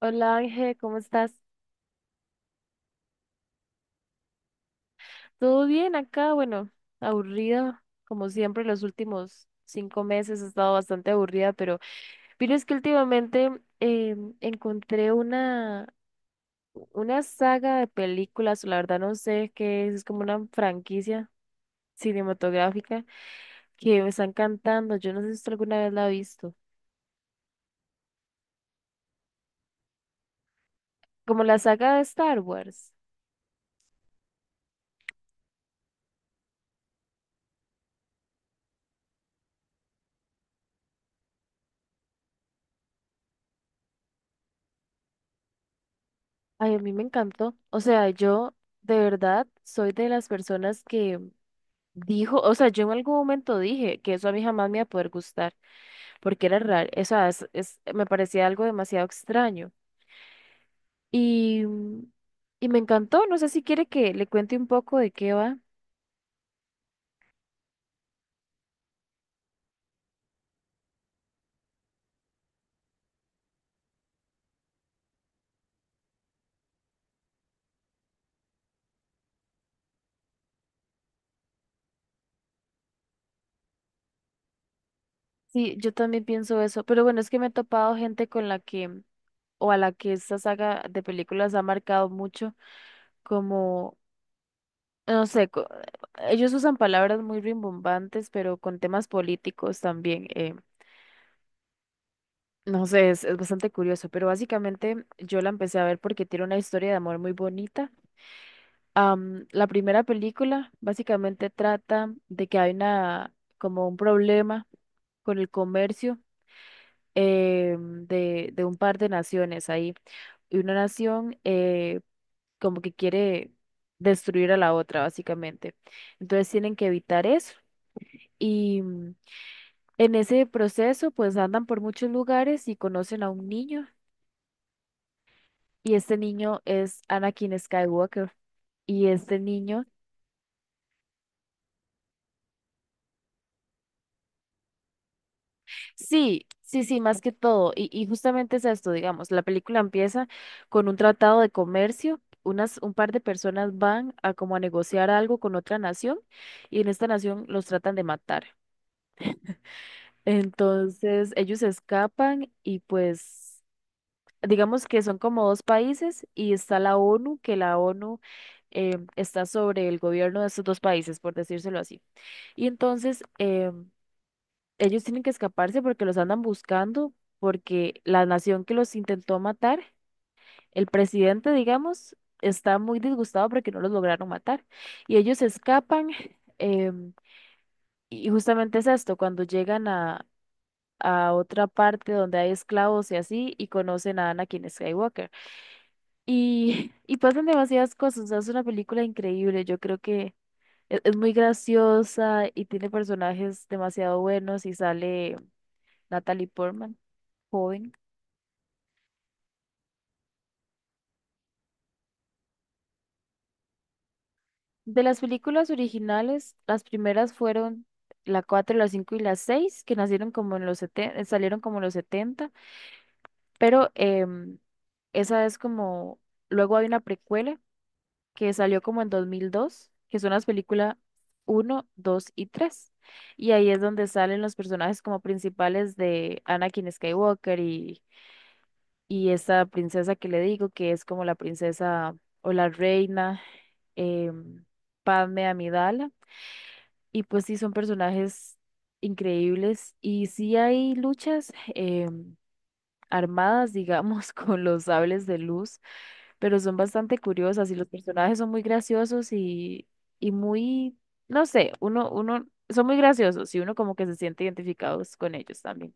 Hola Ángel, ¿cómo estás? ¿Todo bien acá? Bueno, aburrida, como siempre, los últimos 5 meses he estado bastante aburrida, pero es que últimamente eh, encontré una saga de películas, la verdad no sé qué es como una franquicia cinematográfica que me está encantando. Yo no sé si usted alguna vez la ha visto. Como la saga de Star Wars. Ay, a mí me encantó. O sea, yo de verdad soy de las personas que dijo, o sea, yo en algún momento dije que eso a mí jamás me iba a poder gustar, porque era raro, o sea, me parecía algo demasiado extraño. Y, mm, y me encantó, no sé si quiere que le cuente un poco de qué va. Sí, yo también pienso eso, pero bueno, es que me he topado gente con la que, o a la que esta saga de películas ha marcado mucho, como, no sé, ellos usan palabras muy rimbombantes, pero con temas políticos también. No sé, es bastante curioso, pero básicamente yo la empecé a ver porque tiene una historia de amor muy bonita. La primera película básicamente trata de que hay como un problema con el comercio, de un par de naciones ahí. Y una nación, como que quiere destruir a la otra, básicamente. Entonces tienen que evitar eso. Y mm, en ese proceso, pues andan por muchos lugares y conocen a un niño. Y este niño es Anakin Skywalker. Y este niño, sí, sí, sí, más que todo. Y justamente es esto, digamos, la película empieza con un tratado de comercio. Un par de personas van a como a negociar algo con otra nación y en esta nación los tratan de matar. Entonces ellos escapan y pues digamos que son como dos países y está la ONU, que la ONU, está sobre el gobierno de estos dos países, por decírselo así. Y entonces, ellos tienen que escaparse porque los andan buscando, porque la nación que los intentó matar, el presidente, digamos, está muy disgustado porque no los lograron matar. Y ellos se escapan, em, y justamente es esto, cuando llegan a otra parte donde hay esclavos y así, y conocen a Anakin Skywalker. Y, y pasan demasiadas cosas. O sea, es una película increíble. Es muy graciosa y tiene personajes demasiado buenos y sale Natalie Portman, joven. De las películas originales, las primeras fueron la 4, la 5 y la 6, que nacieron como en los 70, salieron como en los setenta, pero esa es como, luego hay una precuela que salió como en 2002, que son las películas uno, 2 y tres. Y ahí es donde salen los personajes como principales de Anakin Skywalker y esta princesa que le digo, que es como la princesa o la reina, em, Padme Amidala. Y pues sí, son personajes increíbles. Y sí hay luchas, armadas, digamos, con los sables de luz, pero son bastante curiosas y los personajes son muy graciosos y muy, no sé, uno, son muy graciosos y uno como que se siente identificados con ellos también.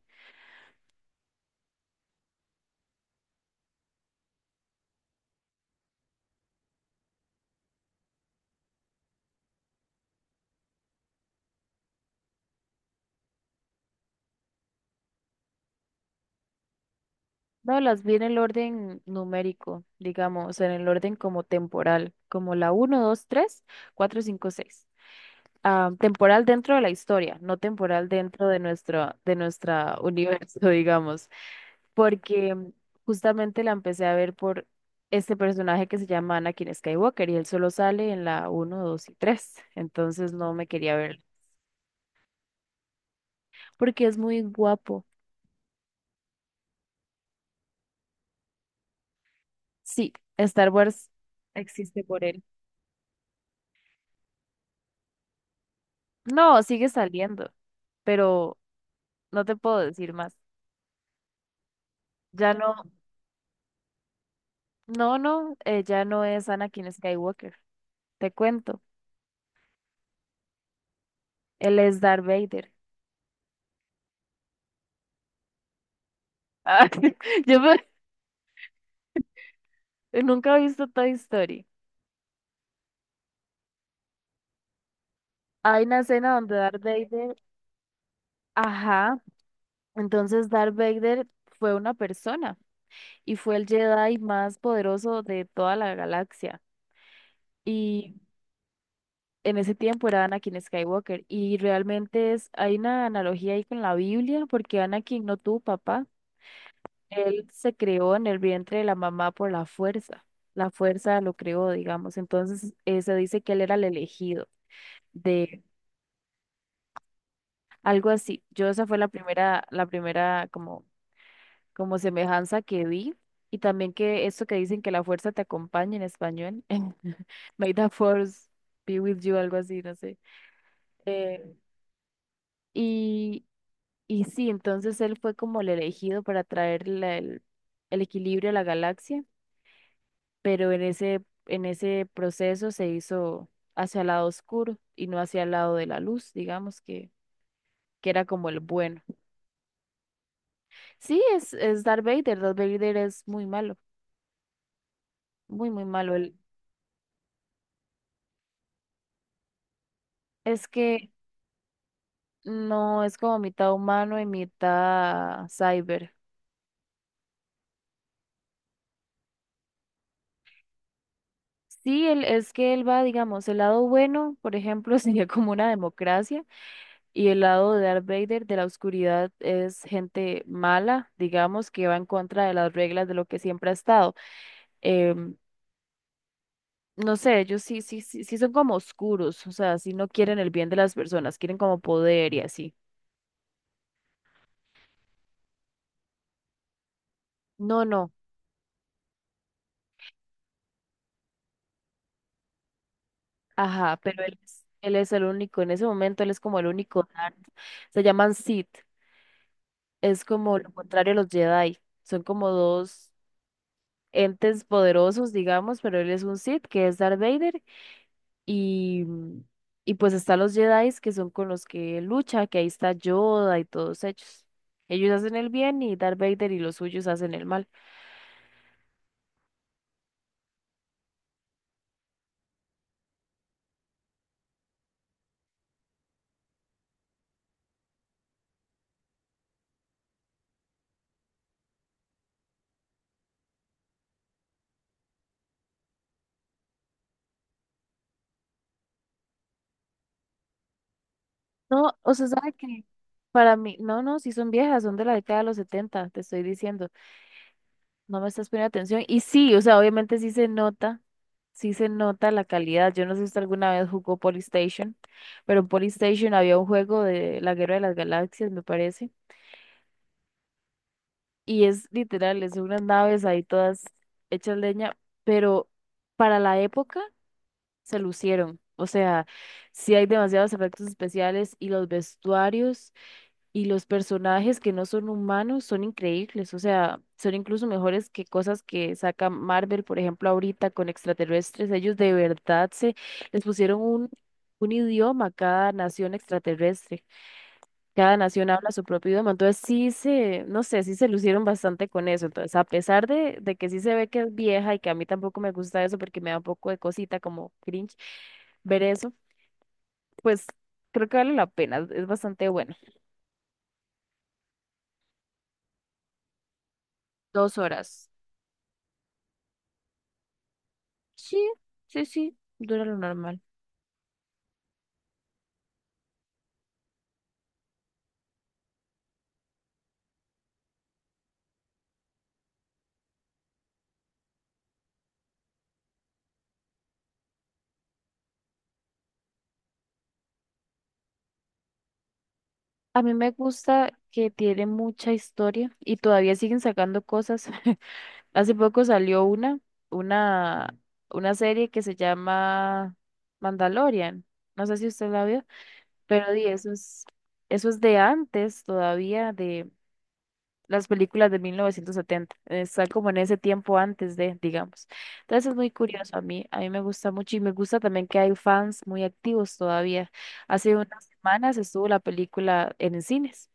No, las vi en el orden numérico, digamos, en el orden como temporal, como la uno, dos, tres, cuatro, cinco, seis. Ah, temporal dentro de la historia, no temporal dentro de nuestra universo, digamos, porque justamente la empecé a ver por este personaje que se llama Anakin Skywalker y él solo sale en la uno, 2 y tres, entonces no me quería ver, porque es muy guapo. Sí, Star Wars existe por él. No, sigue saliendo, pero no te puedo decir más. Ya no, no, no, ya no es Anakin Skywalker. Te cuento, él es Darth Vader. Ah, yo me- nunca he visto Toy Story. Hay una escena donde Darth Vader, ajá, entonces Darth Vader fue una persona y fue el Jedi más poderoso de toda la galaxia. Y en ese tiempo era Anakin Skywalker. Y realmente hay una analogía ahí con la Biblia, porque Anakin no tuvo papá. Él se creó en el vientre de la mamá por la fuerza. La fuerza lo creó, digamos. Entonces, se dice que él era el elegido de algo así. Yo esa fue la primera como, semejanza que vi. Y también que esto que dicen que la fuerza te acompaña en español. May the force be with you, algo así, no sé. Eh, y, y sí, entonces él fue como el elegido para traer el equilibrio a la galaxia. Pero en ese proceso se hizo hacia el lado oscuro y no hacia el lado de la luz, digamos que era como el bueno. Sí, es Darth Vader, Darth Vader es muy malo, muy, muy malo. Él, es que no es como mitad humano y mitad cyber. Sí, él, es que él va, digamos, el lado bueno, por ejemplo, sería como una democracia, y el lado de Darth Vader, de la oscuridad, es gente mala, digamos, que va en contra de las reglas de lo que siempre ha estado. em, no sé, ellos sí, sí, sí, sí son como oscuros, o sea, sí no quieren el bien de las personas, quieren como poder y así. No, no, ajá, pero él es el único, en ese momento él es como el único Darth. Se llaman Sith, es como lo contrario a los Jedi, son como dos entes poderosos, digamos, pero él es un Sith, que es Darth Vader, y, y pues están los Jedi, que son con los que lucha, que ahí está Yoda y todos ellos. Ellos hacen el bien y Darth Vader y los suyos hacen el mal. No, o sea, ¿sabe qué? Para mí, no, no, sí son viejas, son de la década de los setenta, te estoy diciendo, no me estás poniendo atención. Y sí, o sea, obviamente sí se nota la calidad. Yo no sé si usted alguna vez jugó Polystation, pero en Polystation había un juego de la Guerra de las Galaxias, me parece, y es literal, es unas naves ahí todas hechas leña, pero para la época se lucieron. O sea, sí hay demasiados efectos especiales y los vestuarios. Y los personajes que no son humanos son increíbles, o sea, son incluso mejores que cosas que saca Marvel, por ejemplo, ahorita con extraterrestres. Ellos de verdad se les pusieron un idioma a cada nación extraterrestre. Cada nación habla su propio idioma. Entonces sí se, no sé, sí se lucieron bastante con eso. Entonces, a pesar de que sí se ve que es vieja y que a mí tampoco me gusta eso porque me da un poco de cosita como cringe ver eso, pues creo que vale la pena, es bastante bueno. 2 horas. Sí, sí, sí, dura lo normal. A mí me gusta que tiene mucha historia y todavía siguen sacando cosas. Hace poco salió una, una serie que se llama Mandalorian. No sé si usted la vio, pero di, eso es de antes todavía, las películas de 1970, está como en ese tiempo antes de, digamos. Entonces es muy curioso a mí me gusta mucho y me gusta también que hay fans muy activos todavía. Hace unas semanas estuvo la película en cines.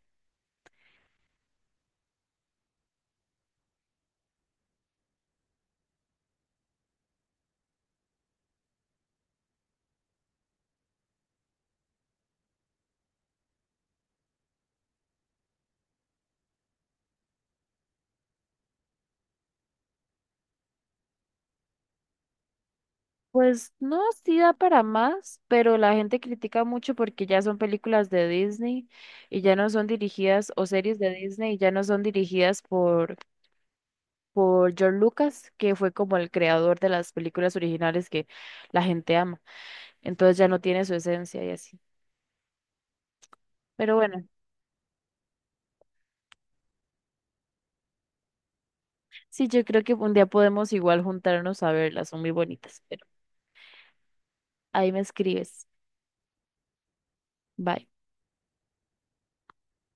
Pues no, sí da para más, pero la gente critica mucho porque ya son películas de Disney y ya no son dirigidas, o series de Disney y ya no son dirigidas por George Lucas, que fue como el creador de las películas originales que la gente ama. Entonces ya no tiene su esencia y así. Pero bueno, sí, yo creo que un día podemos igual juntarnos a verlas, son muy bonitas, pero ahí me escribes. Bye.